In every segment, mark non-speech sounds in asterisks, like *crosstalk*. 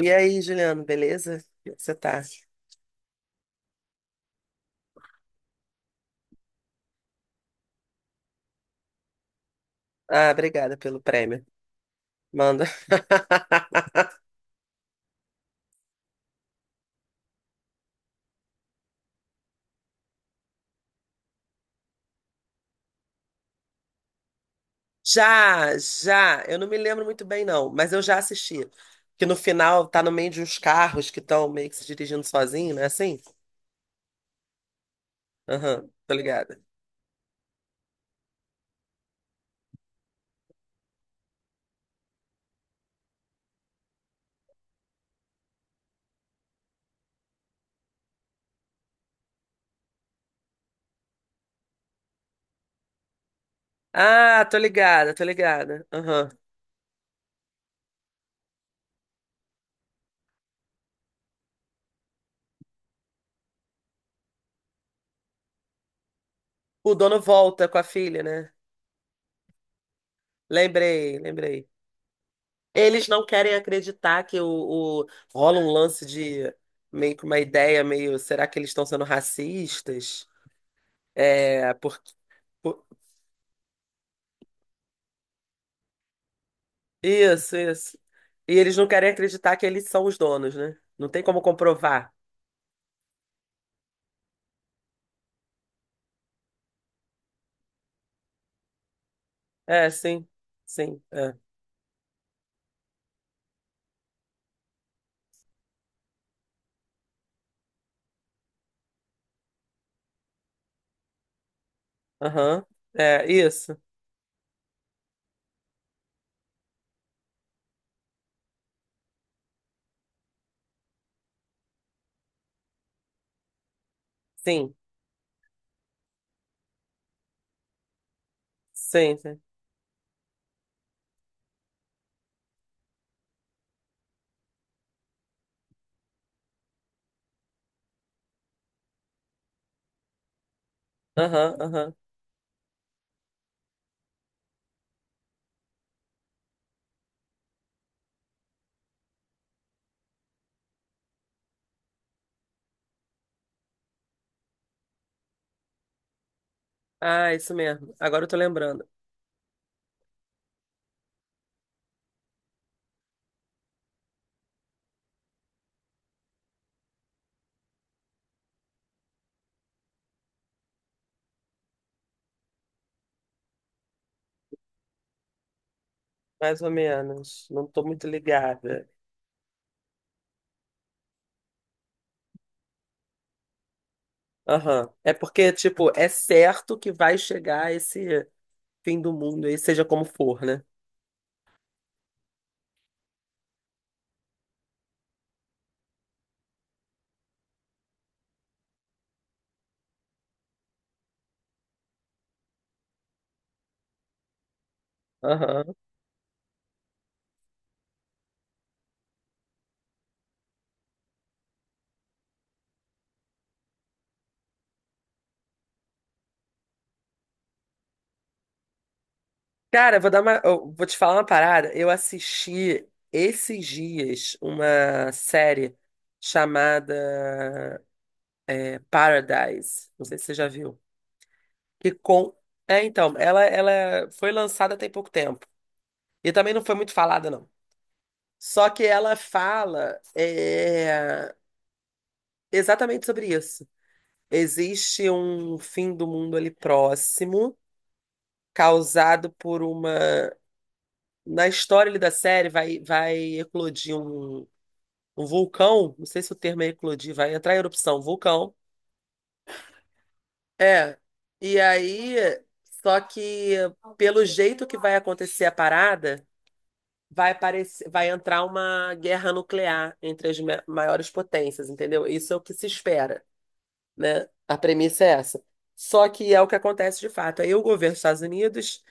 E aí, Juliano, beleza? Como é que você tá? Ah, obrigada pelo prêmio. Manda. *laughs* Já. Eu não me lembro muito bem, não, mas eu já assisti. Que no final tá no meio de uns carros que estão meio que se dirigindo sozinho, né? Assim? Aham, tô ligada. Ah, tô ligada. Aham. O dono volta com a filha, né? Lembrei. Eles não querem acreditar que o- rola um lance de meio que uma ideia, meio, será que eles estão sendo racistas? É, porque. por- Isso, isso. E eles não querem acreditar que eles são os donos, né? Não tem como comprovar. É, sim. Sim. É. Aham. É, isso. Sim. Sim, sim. Aham, aham. Ah, isso mesmo. Agora eu tô lembrando. Mais ou menos. Não tô muito ligada. Aham. É porque, tipo, é certo que vai chegar esse fim do mundo aí, seja como for, né? Aham. Cara, eu vou te falar uma parada. Eu assisti esses dias uma série chamada Paradise. Não sei se você já viu. Que com... É, então, ela foi lançada tem pouco tempo. E também não foi muito falada, não. Só que ela fala exatamente sobre isso. Existe um fim do mundo ali próximo, causado por uma. Na história ali da série, vai eclodir um vulcão, não sei se o termo é eclodir, vai entrar em erupção, vulcão. É. E aí, só que pelo jeito que vai acontecer a parada, vai aparecer, vai entrar uma guerra nuclear entre as maiores potências, entendeu? Isso é o que se espera, né? A premissa é essa. Só que é o que acontece de fato. Aí o governo dos Estados Unidos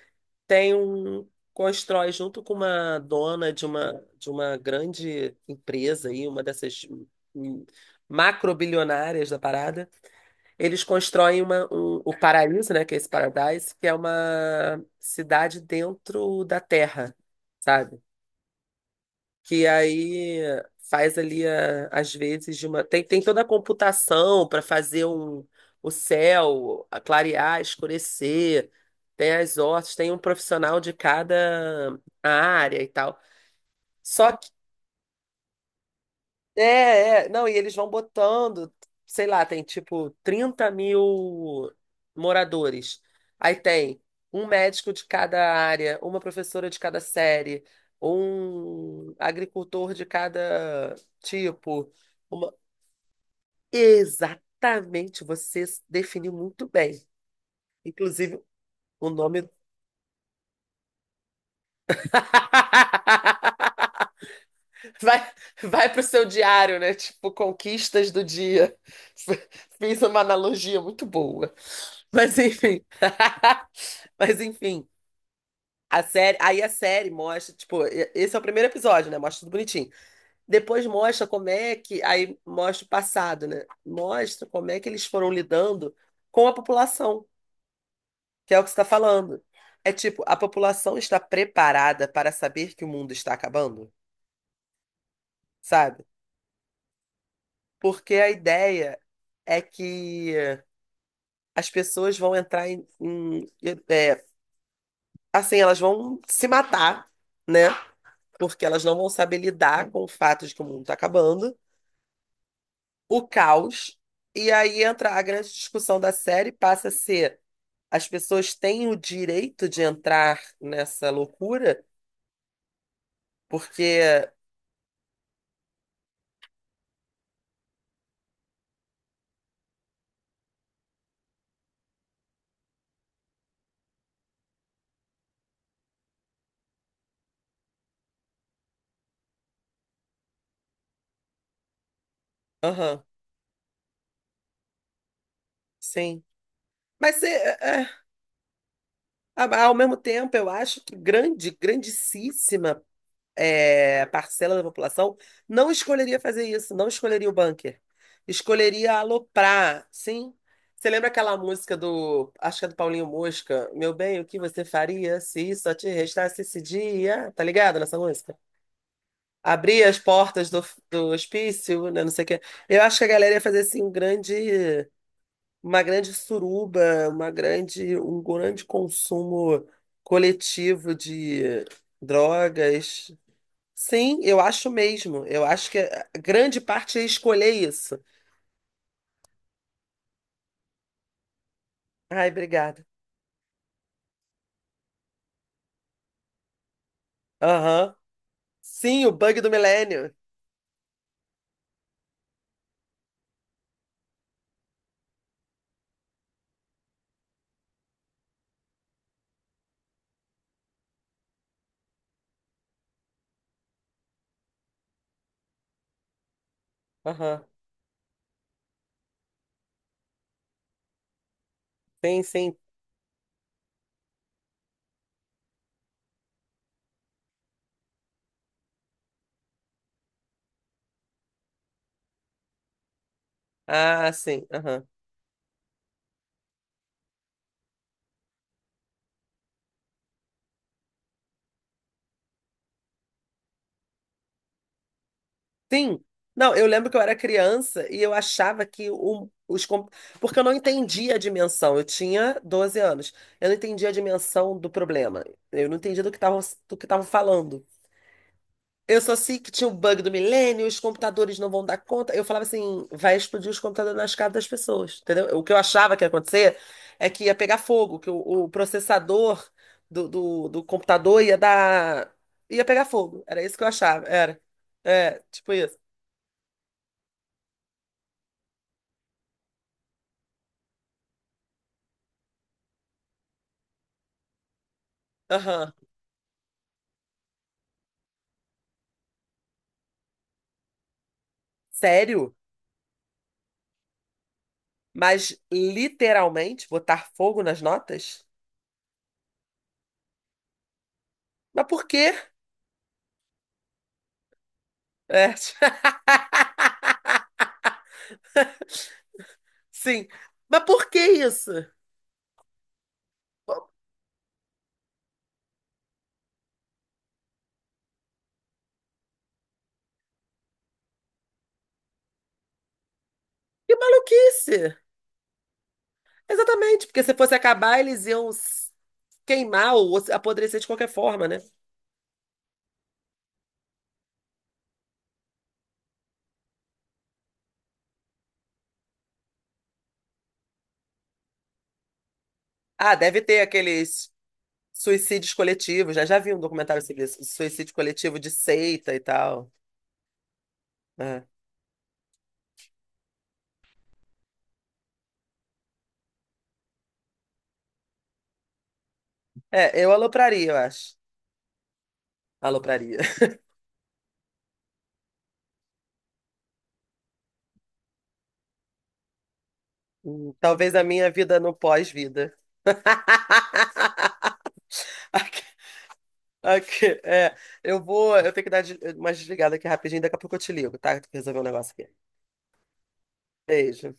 tem um constrói junto com uma dona de uma grande empresa aí, uma dessas hum, macrobilionárias da parada. Eles constroem o paraíso, né, que é esse Paradise, que é uma cidade dentro da terra, sabe? Que aí faz ali às vezes de uma tem toda a computação para fazer o céu a clarear, escurecer, tem as hortas, tem um profissional de cada área e tal. Só não, e eles vão botando, sei lá, tem tipo 30 mil moradores. Aí tem um médico de cada área, uma professora de cada série, um agricultor de cada tipo. uma- Exatamente, você definiu muito bem. Inclusive, o nome. *laughs* Vai, vai pro seu diário, né? Tipo, conquistas do dia. *laughs* F- Fiz uma analogia muito boa. Mas enfim. *laughs* Mas enfim. Aí a série mostra, tipo, esse é o primeiro episódio, né? Mostra tudo bonitinho. Depois mostra como é que, aí mostra o passado, né? Mostra como é que eles foram lidando com a população, que é o que você está falando. É tipo, a população está preparada para saber que o mundo está acabando, sabe? Porque a ideia é que as pessoas vão entrar é, assim, elas vão se matar, né? Porque elas não vão saber lidar com o fato de que o mundo está acabando, o caos. E aí entra a grande discussão da série, passa a ser as pessoas têm o direito de entrar nessa loucura, porque, aham, sim. Mas é, é, é, ao mesmo tempo, eu acho que grande, grandíssima parcela da população não escolheria fazer isso, não escolheria o bunker. Escolheria aloprar, sim. Você lembra aquela música do, acho que é do Paulinho Mosca, Meu bem, o que você faria se só te restasse esse dia? Tá ligado nessa música? Abrir as portas do hospício, né, não sei o quê. Eu acho que a galera ia fazer assim um grande, uma grande suruba, uma grande, um grande consumo coletivo de drogas. Sim, eu acho mesmo. Eu acho que a grande parte é escolher isso. Ai, obrigada. Aham. Sim, o bug do milênio. Aham. Sim, sim. Ah, sim. Aham. Sim. Não, eu lembro que eu era criança e eu achava que o, os. Com- Porque eu não entendia a dimensão. Eu tinha 12 anos. Eu não entendia a dimensão do problema. Eu não entendia do que estavam falando. Eu só sei que tinha o bug do milênio, os computadores não vão dar conta. Eu falava assim, vai explodir os computadores nas casas das pessoas, entendeu? O que eu achava que ia acontecer é que ia pegar fogo, que o processador do computador ia dar... ia pegar fogo. Era isso que eu achava, era. É, tipo isso. Aham. Sério? Mas literalmente botar fogo nas notas? Mas por quê? É, *laughs* sim. Mas por que isso? Que maluquice! Exatamente, porque se fosse acabar, eles iam queimar ou apodrecer de qualquer forma, né? Ah, deve ter aqueles suicídios coletivos, né? Já vi um documentário sobre isso, suicídio coletivo de seita e tal. É, É, eu alopraria, eu acho. Alopraria. *laughs* Talvez a minha vida no pós-vida. *laughs* Aqui, aqui, é, eu tenho que dar uma desligada aqui rapidinho, daqui a pouco eu te ligo, tá? Tem que resolver um negócio aqui. Beijo.